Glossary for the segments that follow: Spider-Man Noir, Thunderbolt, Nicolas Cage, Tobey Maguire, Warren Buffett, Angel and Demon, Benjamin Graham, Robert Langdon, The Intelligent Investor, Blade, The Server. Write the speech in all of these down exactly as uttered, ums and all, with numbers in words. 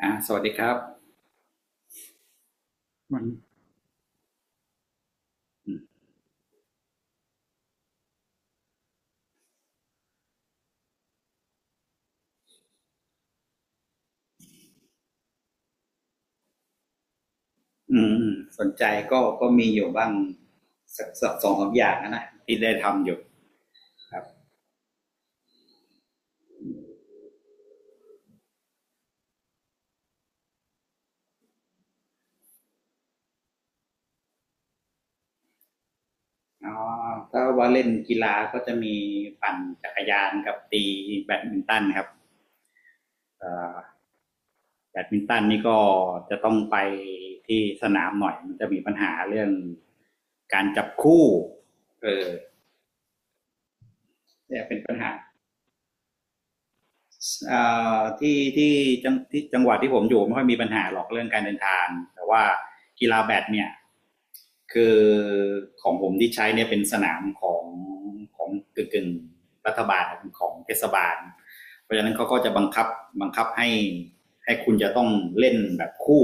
อ่าสวัสดีครับมันอืมอืมสนใจก็ก็มีอยู่บ้างสักสักสองสามอย่างนะนะที่ได้ทำอยู่ครับอ๋อถ้าว่าเล่นกีฬาก็จะมีปั่นจักรยานกับตีแบดมินตันครับเอ่อแบดมินตันนี่ก็จะต้องไปที่สนามหน่อยมันจะมีปัญหาเรื่องการจับคู่เออเนี่ยเป็นปัญหา ที่ที่จังที่จังหวัดที่ผมอยู่ไม่ค่อยมีปัญหาหรอกเรื่องการเดินทางแต่ว่ากีฬาแบดเนี่ยคือของผมที่ใช้เนี่ยเป็นสนามของของกึ่งกึ่งๆรัฐบาลของเทศบาลเพราะฉะนั้นเขาก็จะบังคับบังคับให้ให้คุณจะต้องเล่นแบบคู่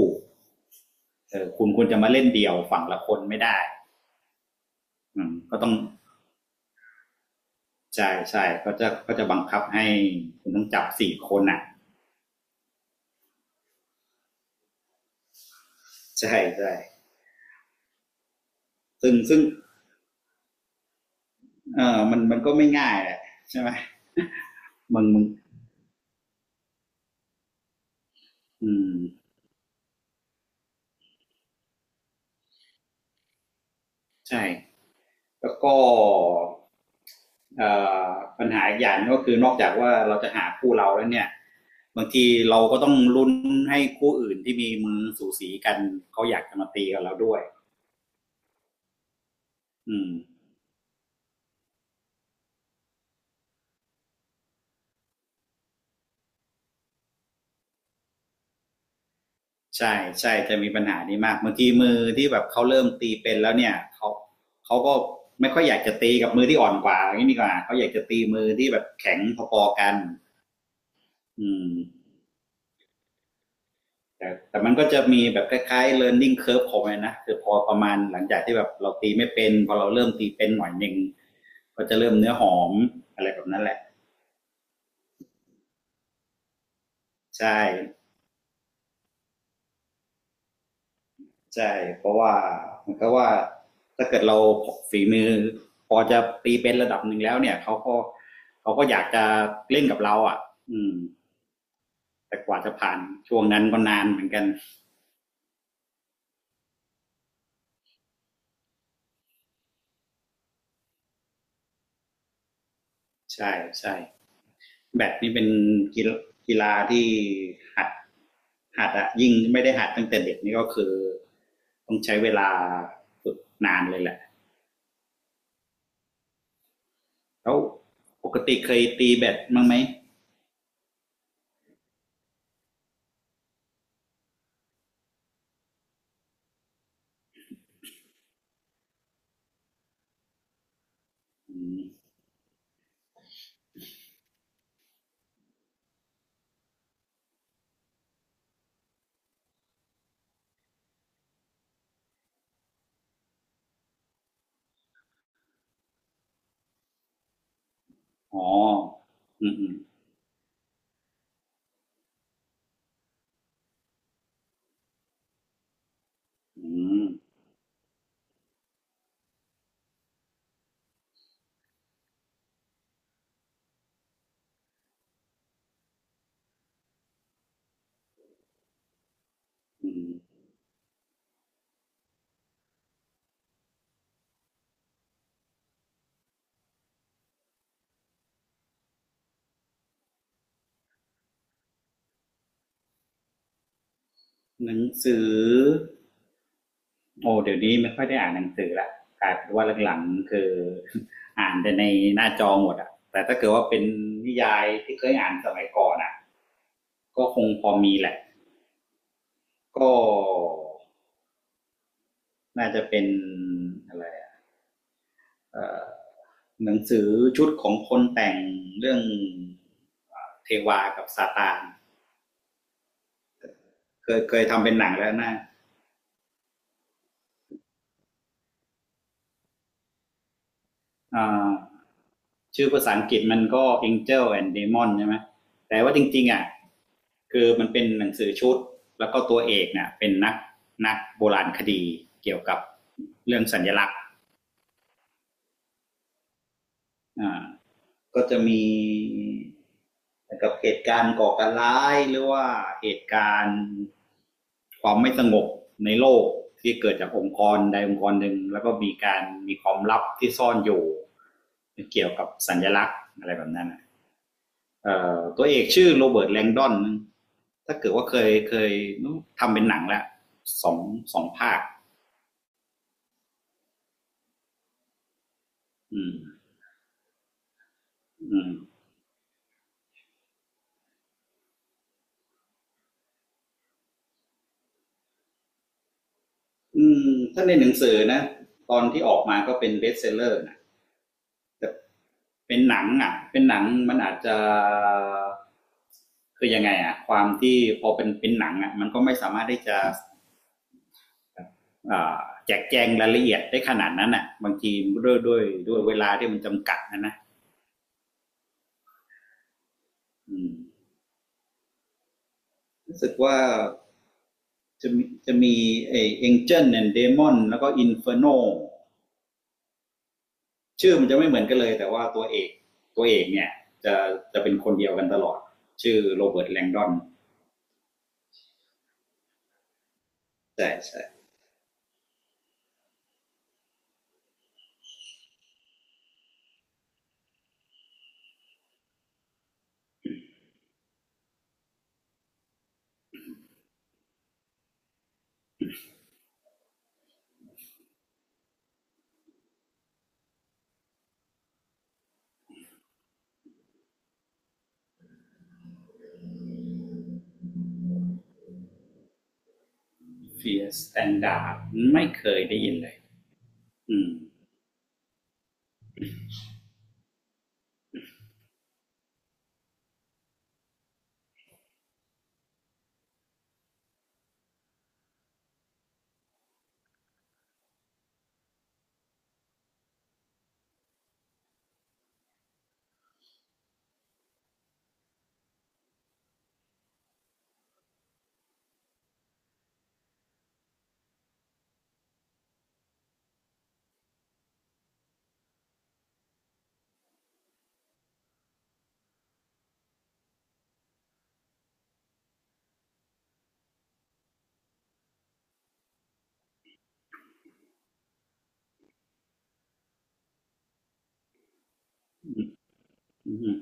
เออคุณคุณจะมาเล่นเดี่ยวฝั่งละคนไม่ได้อืมก็ต้องใช่ใช่ก็จะก็จะบังคับให้คุณต้องจับสี่คนอ่ะใช่ใช่ซึ่งซึ่ง เออมันมันก็ไม่ง่ายแหละใช่ไหมมึงมึงอืมใช่แล้วก็เอ่อปัญหาอีกอย่างก็คือนอกจากว่าเราจะหาคู่เราแล้วเนี่ยบางทีเราก็ต้องลุ้นให้คู่อื่นที่มีมือสูสีกันเขาอยากจะมาตีกับเราด้วยอืมใช่ใช่จะมีปัญหานี้มากบางทีมือที่แบบเขาเริ่มตีเป็นแล้วเนี่ยเขาเขาก็ไม่ค่อยอยากจะตีกับมือที่อ่อนกว่าอย่างนี้ดีกว่าเขาอยากจะตีมือที่แบบแข็งพอๆกันอืม แต่แต่มันก็จะมีแบบคล้ายๆ learning curve ของมันนะคือพอประมาณหลังจากที่แบบเราตีไม่เป็นพอเราเริ่มตีเป็นหน่อยหนึ่งก็จะเริ่มเนื้อหอมอะไรแบบนั้นแหละใช่ใช่เพราะว่าเมันก็ว่าถ้าเกิดเราฝีมือพอจะตีเป็นระดับหนึ่งแล้วเนี่ยเขาก็เขาก็อยากจะเล่นกับเราอ่ะอืมแต่กว่าจะผ่านช่วงนั้นก็นานเหมือนกันใช่ใช่ แบดนี่เป็นกีฬาที่หัดหัดอะยิ่งไม่ได้หัดตั้งแต่เด็กนี่ก็คือต้องใช้เวลาฝึกนานเลยแหละแล้วปกติเคยตีแบดมั้างไหมอ๋อออืมอืมอืมหนังสือโอ้เดี๋ยวนี้ไม่ค่อยได้อ่านหนังสือละกลายเป็นว่าหลังๆคือ อ่านแต่ในหน้าจอหมดอะแต่ถ้าเกิดว่าเป็นนิยายที่เคยอ่านสมัยก่อนอะก็คงพอมีแหละ ก็น่าจะเป็นอะไรเอ่อหนังสือชุดของคนแต่งเรื่องเทวากับซาตานเคยเคยทำเป็นหนังแล้วนะอ่าชื่อภาษาอังกฤษมันก็ Angel and Demon ใช่ไหมแต่ว่าจริงๆอ่ะคือมันเป็นหนังสือชุดแล้วก็ตัวเอกเนี่ยเป็นนักนักโบราณคดีเกี่ยวกับเรื่องสัญลักษณ์อ่า ก็จะมีเหกับเหตุการณ์ก่อการร้ายหรือว่าเหตุการณ์ความไม่สงบในโลกที่เกิดจากองค์กรใดองค์กรหนึ่งแล้วก็มีการมีความลับที่ซ่อนอยู่เกี่ยวกับสัญลักษณ์อะไรแบบนั้นตัวเอกชื่อโรเบิร์ตแลงดอนถ้าเกิดว่าเคยเคยทำเป็นหนังแล้วสองสองภาคอืมอืมอืมถ้าในหนังสือนะตอนที่ออกมาก็เป็นเบสเซลเลอร์นะแต่ เป็นหนังอ่ะเป็นหนังมันอาจจะคือยังไงอ่ะความที่พอเป็นเป็นหนังอ่ะมันก็ไม่สามารถได้จะอ่าแจกแจงรายละเอียดได้ขนาดนั้นอ่ะบางทีด้วยด้วยด้วยเวลาที่มันจำกัดนะนะอืมรู้สึกว่าจะมีจะมีไอเ a n นเจนเนีเดมอนแล้วก็อินเฟอร์โนชื่อมันจะไม่เหมือนกันเลยแต่ว่าตัวเอกตัวเอกเนี่ยจะจะเป็นคนเดียวกันตลอดชื่อโรเบิร์ตแลงดอนใช่ใช่ เฟียสแตนดาร์ดไม่เคยได้ยินเลยอืมอืมอืม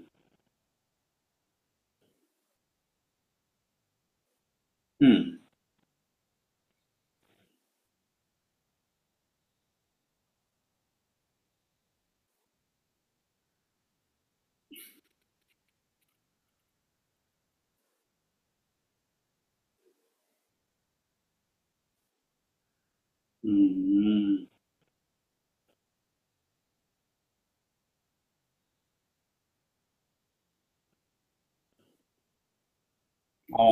อืมอืมอ๋อ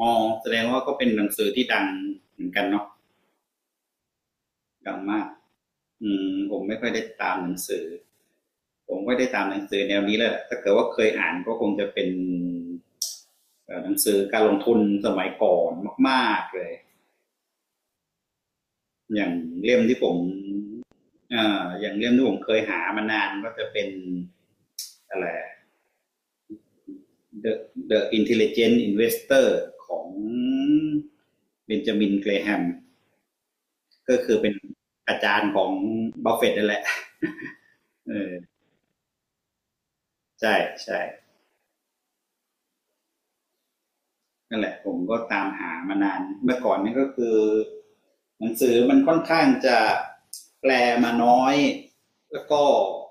อ๋อแสดงว่าก็เป็นหนังสือที่ดังเหมือนกันเนาะดังมากอืมผมไม่ค่อยได้ตามหนังสือผมไม่ได้ตามหนังสือแนวนี้เลยถ้าเกิดว่าเคยอ่านก็คงจะเป็นเอ่อหนังสือการลงทุนสมัยก่อนมากๆเลยอย่างเล่มที่ผมเอ่ออย่างเล่มที่ผมเคยหามานานก็จะเป็นอะไร The The Intelligent Investor ของเบนจามินเกรแฮมก็คือเป็นอาจารย์ของบัฟเฟตต์นั่นแหละเออใช่ใช่นั่นแหละผมก็ตามหามานานเมื่อก่อนนี่ก็คือหนังสือมันค่อนข้างจะแปลมาน้อยแล้วก็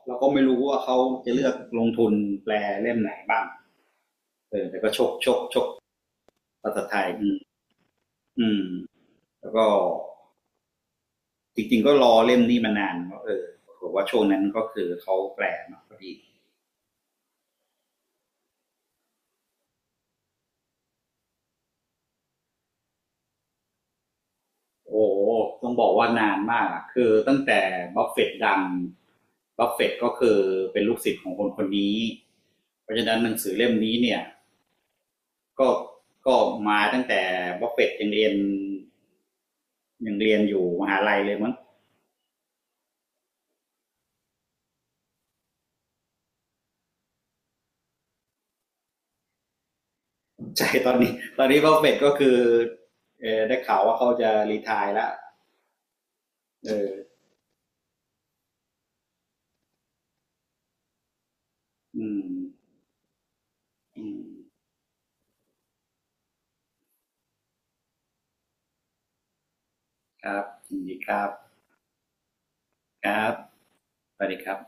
เราก็ไม่รู้ว่าเขาจะเลือกลงทุนแปลเล่มไหนบ้างเออแต่ก็ชกชกชกภาษาไทยอืมอืมแล้วก็ จริงๆก็รอเล่มนี้มานานก็เออผมว่าช่วงนั้นก็คือเขาแปลมาพอดีโอ้ต้องบอกว่านานมากคือตั้งแต่บัฟเฟตต์ดังบัฟเฟตต์ก็คือเป็นลูกศิษย์ของคนคนนี้เพราะฉะนั้นหนังสือเล่มนี้เนี่ยก็ก็มาตั้งแต่บัฟเฟตต์ยังเรียนยังเรียนอยู่มหาลัยเลยมั้งใช่ตอนนี้ตอนนี้บัฟเฟตต์ก็คือเออได้ข่าวว่าเขาจะรีไทายแล้วเอออืมอืมครับยินดีครับครับ สวัสดีครับ